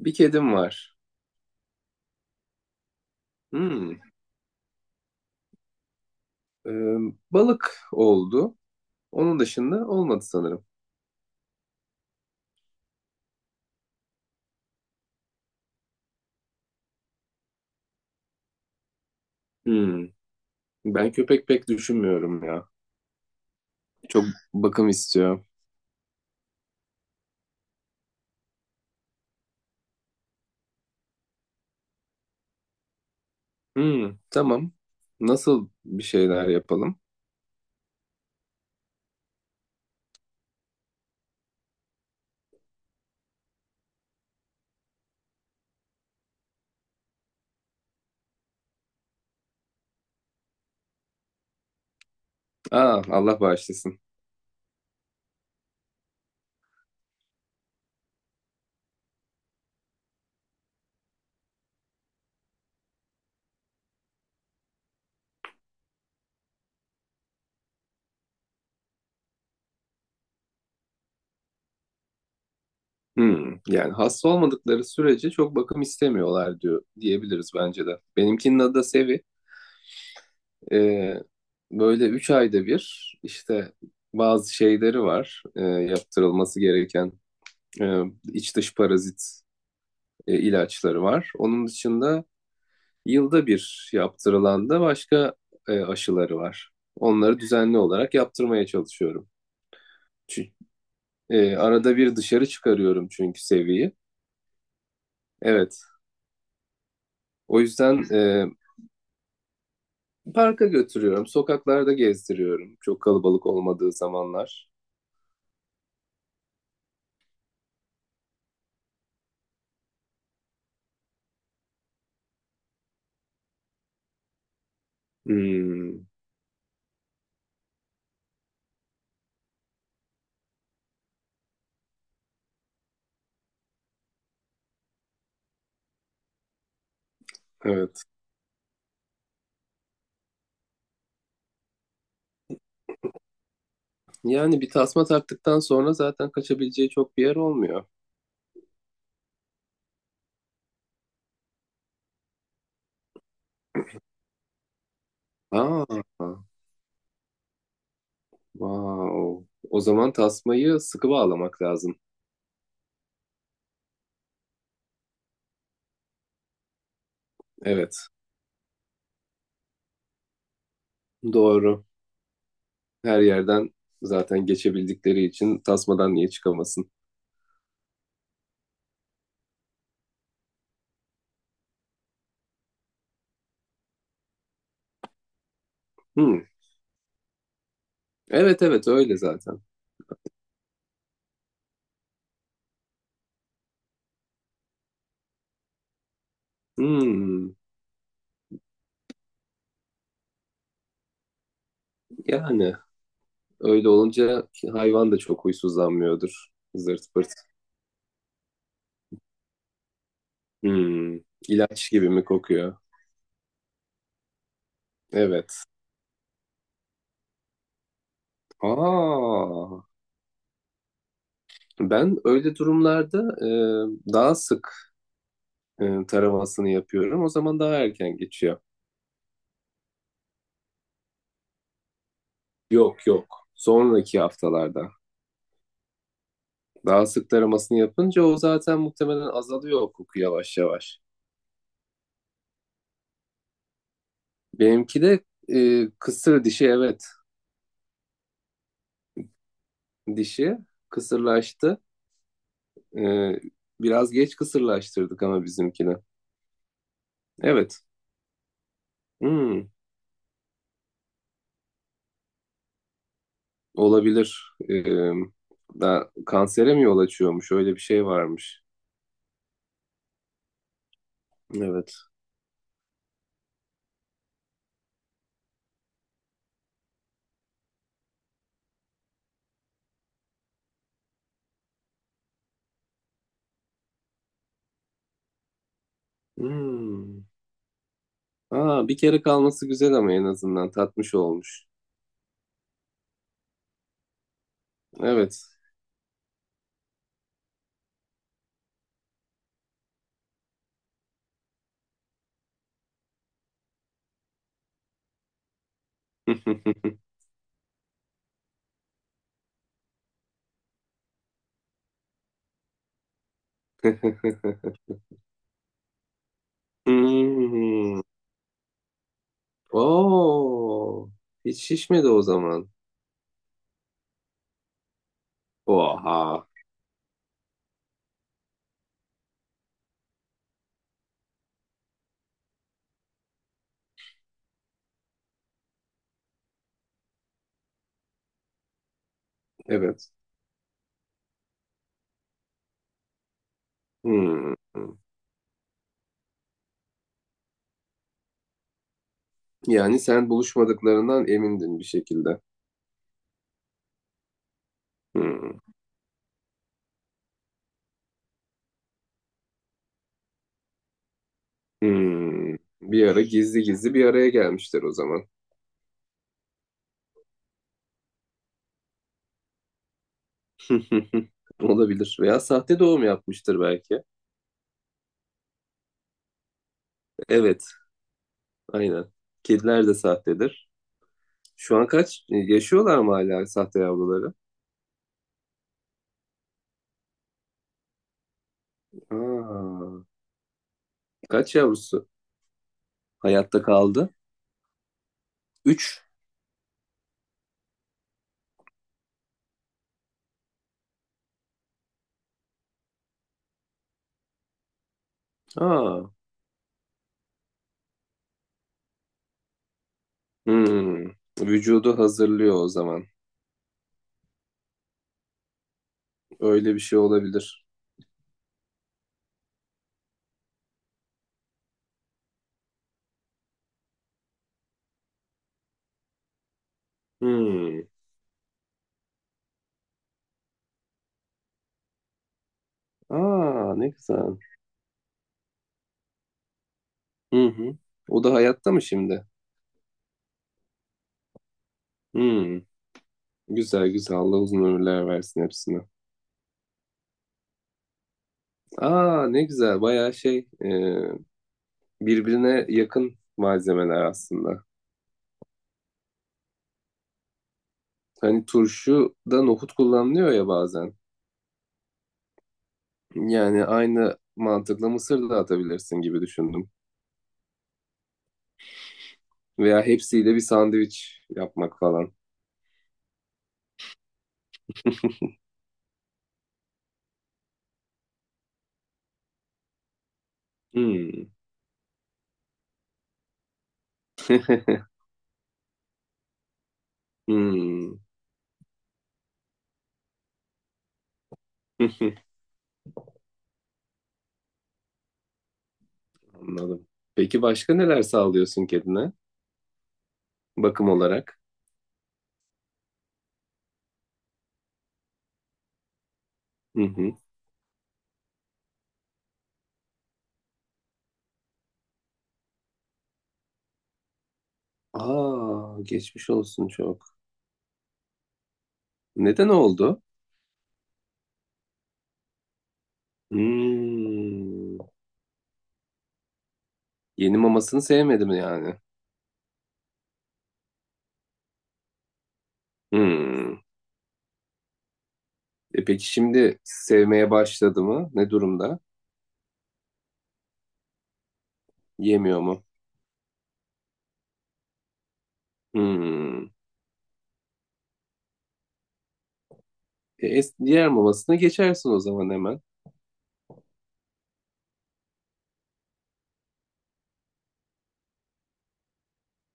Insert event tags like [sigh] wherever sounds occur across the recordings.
Bir kedim var. Hmm. Ee, Balık oldu. Onun dışında olmadı sanırım. Hmm. Ben köpek pek düşünmüyorum ya. Çok bakım istiyor. Hmm. Tamam. Nasıl bir şeyler yapalım? Aa, Allah bağışlasın. Hmm. Yani hasta olmadıkları sürece çok bakım istemiyorlar diyor diyebiliriz bence de. Benimkinin adı da Sevi. Ee, Böyle üç ayda bir işte bazı şeyleri var yaptırılması gereken. Ee, iç dış parazit ilaçları var. Onun dışında yılda bir yaptırılan da başka aşıları var. Onları düzenli olarak yaptırmaya çalışıyorum. Çünkü, arada bir dışarı çıkarıyorum çünkü seviyi. Evet, o yüzden parka götürüyorum, sokaklarda gezdiriyorum. Çok kalabalık olmadığı zamanlar. Hmm, evet. Yani bir tasma taktıktan sonra zaten kaçabileceği çok bir yer olmuyor. Aa, wow. O zaman tasmayı sıkı bağlamak lazım. Evet. Doğru. Her yerden zaten geçebildikleri için tasmadan niye çıkamasın? Hmm. Evet, evet, öyle zaten. Hmm. Yani öyle olunca hayvan da çok huysuzlanmıyordur. Zırt pırt. Hmm. İlaç gibi mi kokuyor? Evet. Aa, ben öyle durumlarda daha sık taramasını yapıyorum. O zaman daha erken geçiyor. Yok, yok. Sonraki haftalarda. Daha sık taramasını yapınca o zaten muhtemelen azalıyor o koku yavaş yavaş. Benimki de kısır dişi, evet. Dişi kısırlaştı. E, Biraz geç kısırlaştırdık ama bizimkini. Evet. Hmm, olabilir. E, Kansere mi yol açıyormuş? Öyle bir şey varmış. Evet. Hmm. Aa, bir kere kalması güzel ama en azından tatmış olmuş. Evet. [laughs] Hmm. Oo, hiç şişmedi o zaman. Oha. Evet. Hmm. Yani sen buluşmadıklarından emindin bir şekilde. Hmm. Hmm. Bir ara gizli gizli bir araya gelmişler o zaman. [laughs] Olabilir. Veya sahte doğum yapmıştır belki. Evet, aynen. Kediler de sahtedir. Şu an kaç? Yaşıyorlar mı hala sahte yavruları? Aa, kaç yavrusu hayatta kaldı? Üç. Aa, hmm. Vücudu hazırlıyor o zaman. Öyle bir şey olabilir. Hmm. Aa, ne güzel. Hı hı. O da hayatta mı şimdi? Hmm. Güzel, güzel. Allah uzun ömürler versin hepsine. Aa, ne güzel. Bayağı şey e, birbirine yakın malzemeler aslında. Hani turşuda nohut kullanılıyor ya bazen. Yani aynı mantıkla mısır da atabilirsin gibi düşündüm. Veya hepsiyle bir sandviç yapmak falan. Hmm. [laughs] Hmm. [laughs] Anladım. Peki başka neler sağlıyorsun kedine bakım olarak? Hı hı. Aa, geçmiş olsun çok. Neden oldu? Hmm. Yeni mamasını sevmedim yani. Hmm. E peki şimdi sevmeye başladı mı? Ne durumda? Yemiyor mu? Hmm. Diğer mamasına geçersin o zaman hemen.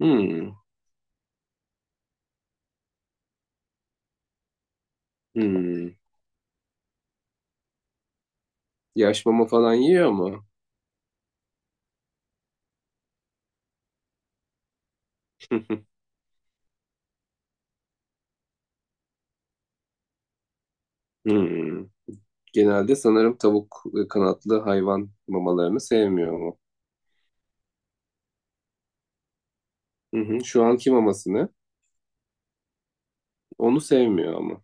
Hmm. Hmm. Yaş mama falan yiyor mu? [laughs] Hmm. Genelde sanırım tavuk ve kanatlı hayvan mamalarını sevmiyor. Hı hı. Şu anki mamasını. Onu sevmiyor ama.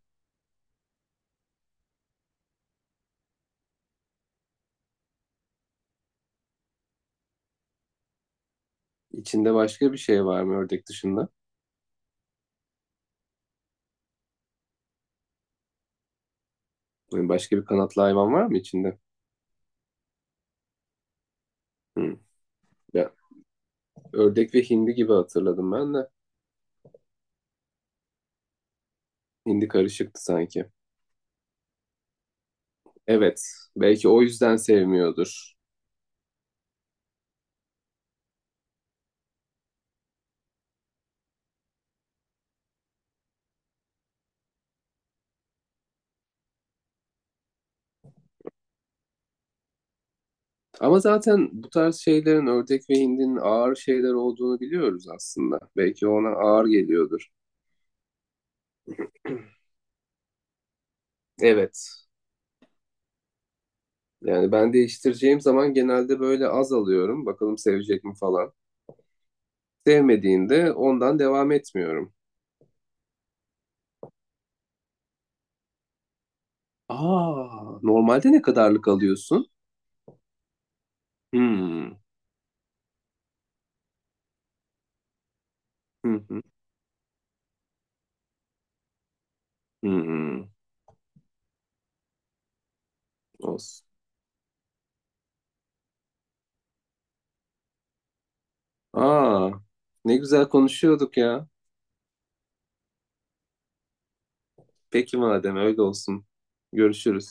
İçinde başka bir şey var mı ördek dışında? Yani başka bir kanatlı hayvan var mı içinde? Hı. Ya, ördek ve hindi gibi hatırladım ben de. Hindi karışıktı sanki. Evet. Belki o yüzden sevmiyordur. Ama zaten bu tarz şeylerin ördek ve hindinin ağır şeyler olduğunu biliyoruz aslında. Belki ona ağır geliyordur. Evet. Yani ben değiştireceğim zaman genelde böyle az alıyorum. Bakalım sevecek mi falan. Sevmediğinde ondan devam etmiyorum. Aa, normalde ne kadarlık alıyorsun? Hmm. Hı hı. Hmm. Olsun. Aa, ne güzel konuşuyorduk ya. Peki madem öyle olsun. Görüşürüz.